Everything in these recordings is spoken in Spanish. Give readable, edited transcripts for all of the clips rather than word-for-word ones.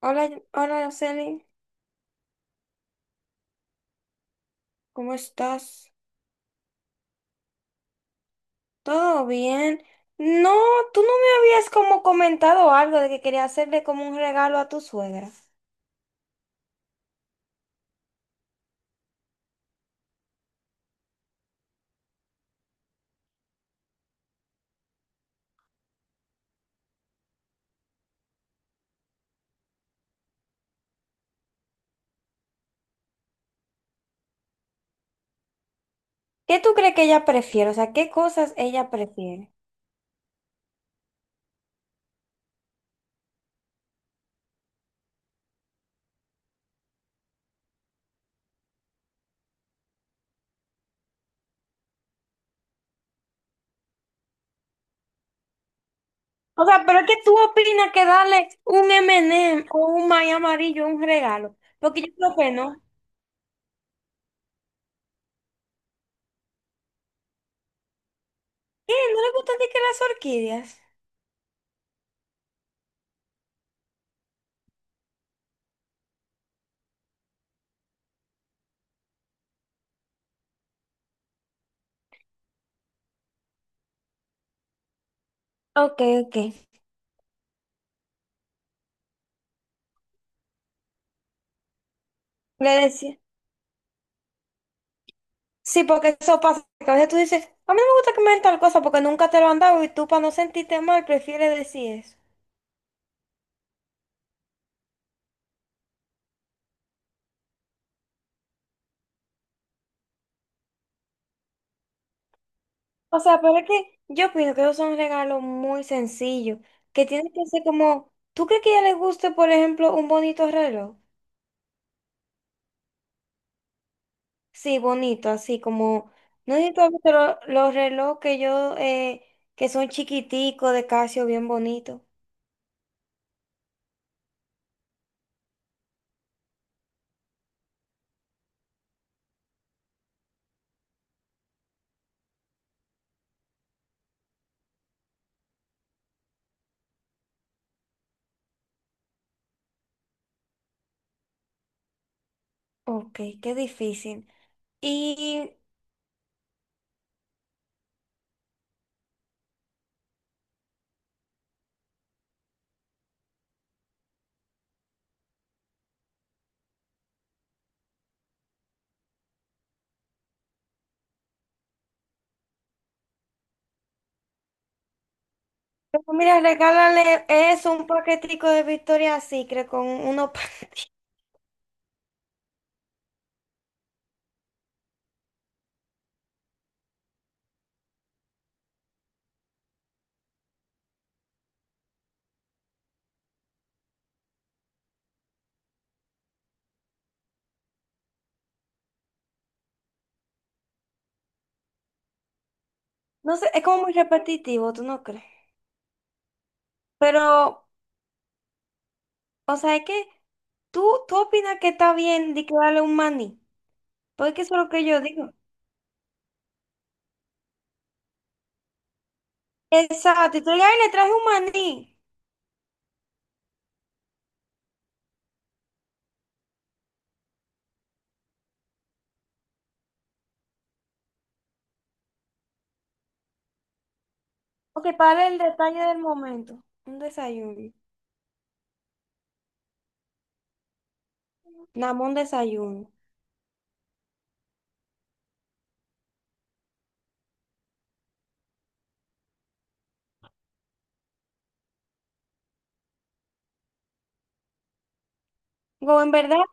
Hola, hola, Araceli, ¿cómo estás? ¿Todo bien? No, tú no me habías como comentado algo de que quería hacerle como un regalo a tu suegra. ¿Qué tú crees que ella prefiere? O sea, ¿qué cosas ella prefiere? O sea, pero es que tú opinas que darle un M&M o un maíz amarillo es un regalo. Porque yo creo que no. ¿Qué? ¿No le gustan ni que las orquídeas? Ok, ok. Le decía. Sí, porque eso pasa, que a veces tú dices, a mí no me gusta que me den tal cosa porque nunca te lo han dado y tú para no sentirte mal prefieres decir eso. O sea, pero es que yo pienso que esos son regalos muy sencillos, que tienen que ser como, ¿tú crees que a ella le guste, por ejemplo, un bonito reloj? Sí, bonito, así como, no necesito a veces los relojes que yo, que son chiquiticos, de Casio, bien bonitos. Ok, qué difícil. Y pero mira, regálale eso, un paquetico de Victoria's Secret con unos panties. No sé, es como muy repetitivo, ¿tú no crees? Pero, o sea, es que tú opinas que está bien de que darle un maní. Porque eso es lo que yo digo. Exacto, y tú digas, "Ay, le traje un maní". Ok, para el detalle del momento. Un desayuno. Nada más un desayuno. Go,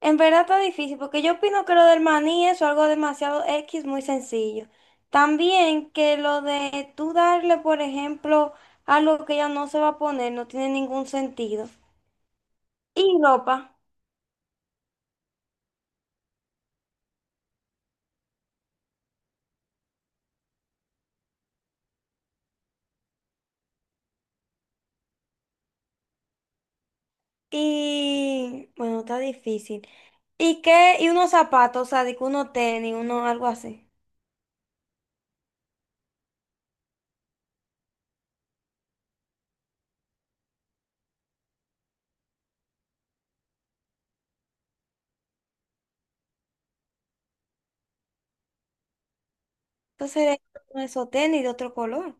en verdad está difícil, porque yo opino que lo del maní es algo demasiado X, muy sencillo. También que lo de tú darle, por ejemplo, algo que ella no se va a poner, no tiene ningún sentido. Y ropa. Y bueno, está difícil. ¿Y qué? Y unos zapatos, o sea, de que uno tenis, uno algo así. Entonces, de uno esos tenis de otro color.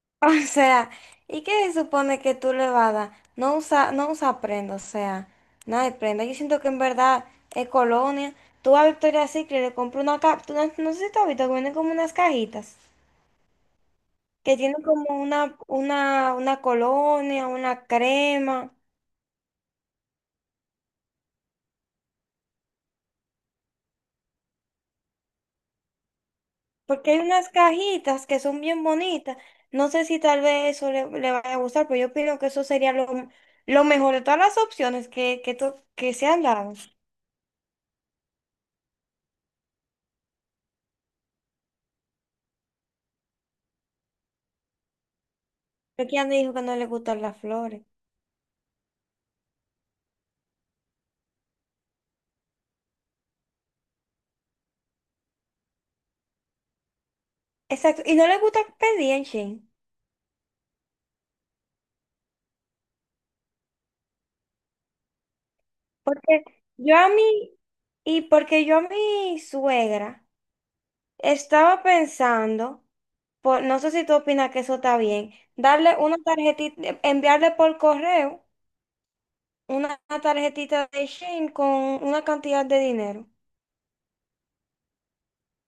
O sea, ¿y qué se supone que tú le vas a dar? No usa prenda, o sea, nada de prenda. Yo siento que en verdad es colonia. Tú a Victoria's Secret le compras una caja, no, no sé si tú has visto, que vienen como unas cajitas, que tienen como una colonia, una crema, porque hay unas cajitas que son bien bonitas. No sé si tal vez eso le vaya a gustar, pero yo opino que eso sería lo mejor de todas las opciones que se han dado. Porque ya me dijo que no le gustan las flores. Exacto, y no le gusta pedir en Shein, porque yo a mi, y porque yo a mi suegra estaba pensando, por, no sé si tú opinas que eso está bien, darle una tarjetita, enviarle por correo una tarjetita de Shein con una cantidad de dinero,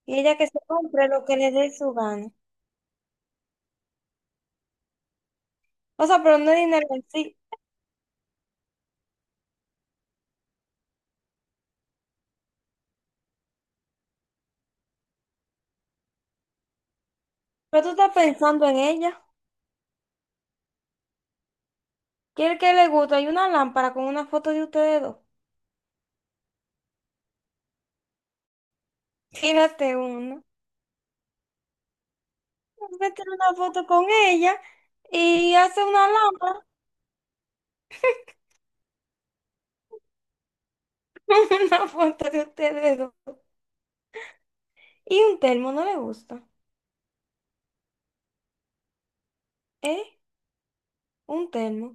y ella que se compre lo que le dé su gana. O sea, pero no es dinero en sí, pero tú estás pensando en ella, quiere que le guste, hay una lámpara con una foto de ustedes dos. Tírate una. Usted una foto con ella y hace una lámpara, una foto de ustedes dos. Y un termo, ¿no le gusta? ¿Eh? Un termo.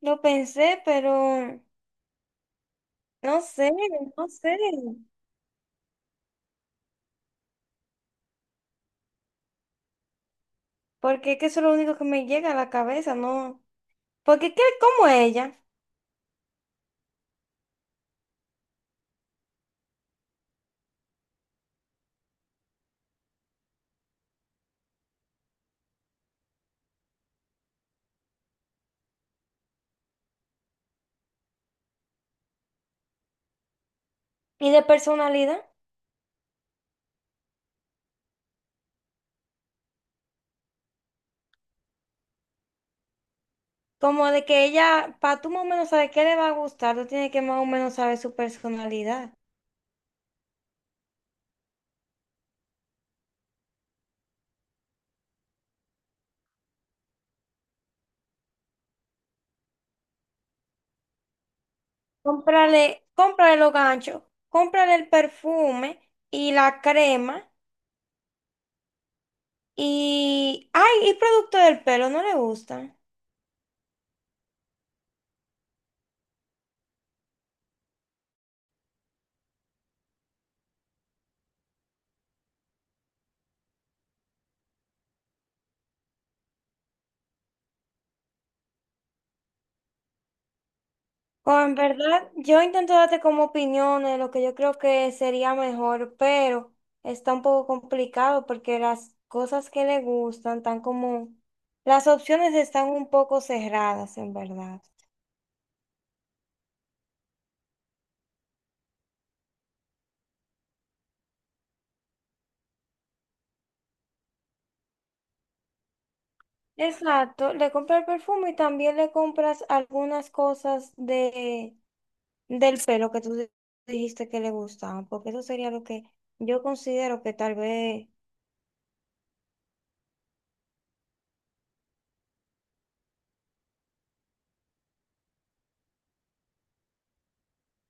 Lo pensé, pero no sé, no sé. Porque es que eso es lo único que me llega a la cabeza, ¿no? Porque es que como ella, y de personalidad, como de que ella, para tú más o menos saber qué le va a gustar, tú tienes que más o menos saber su personalidad. Cómprale, cómprale los ganchos, cómprale el perfume y la crema. Y, ay, y producto del pelo, no le gustan. O en verdad, yo intento darte como opiniones lo que yo creo que sería mejor, pero está un poco complicado porque las cosas que le gustan tan como... Las opciones están un poco cerradas, en verdad. Exacto, le compras el perfume y también le compras algunas cosas de, del pelo que dijiste que le gustaban, porque eso sería lo que yo considero que tal vez.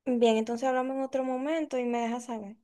Bien, entonces hablamos en otro momento y me dejas saber.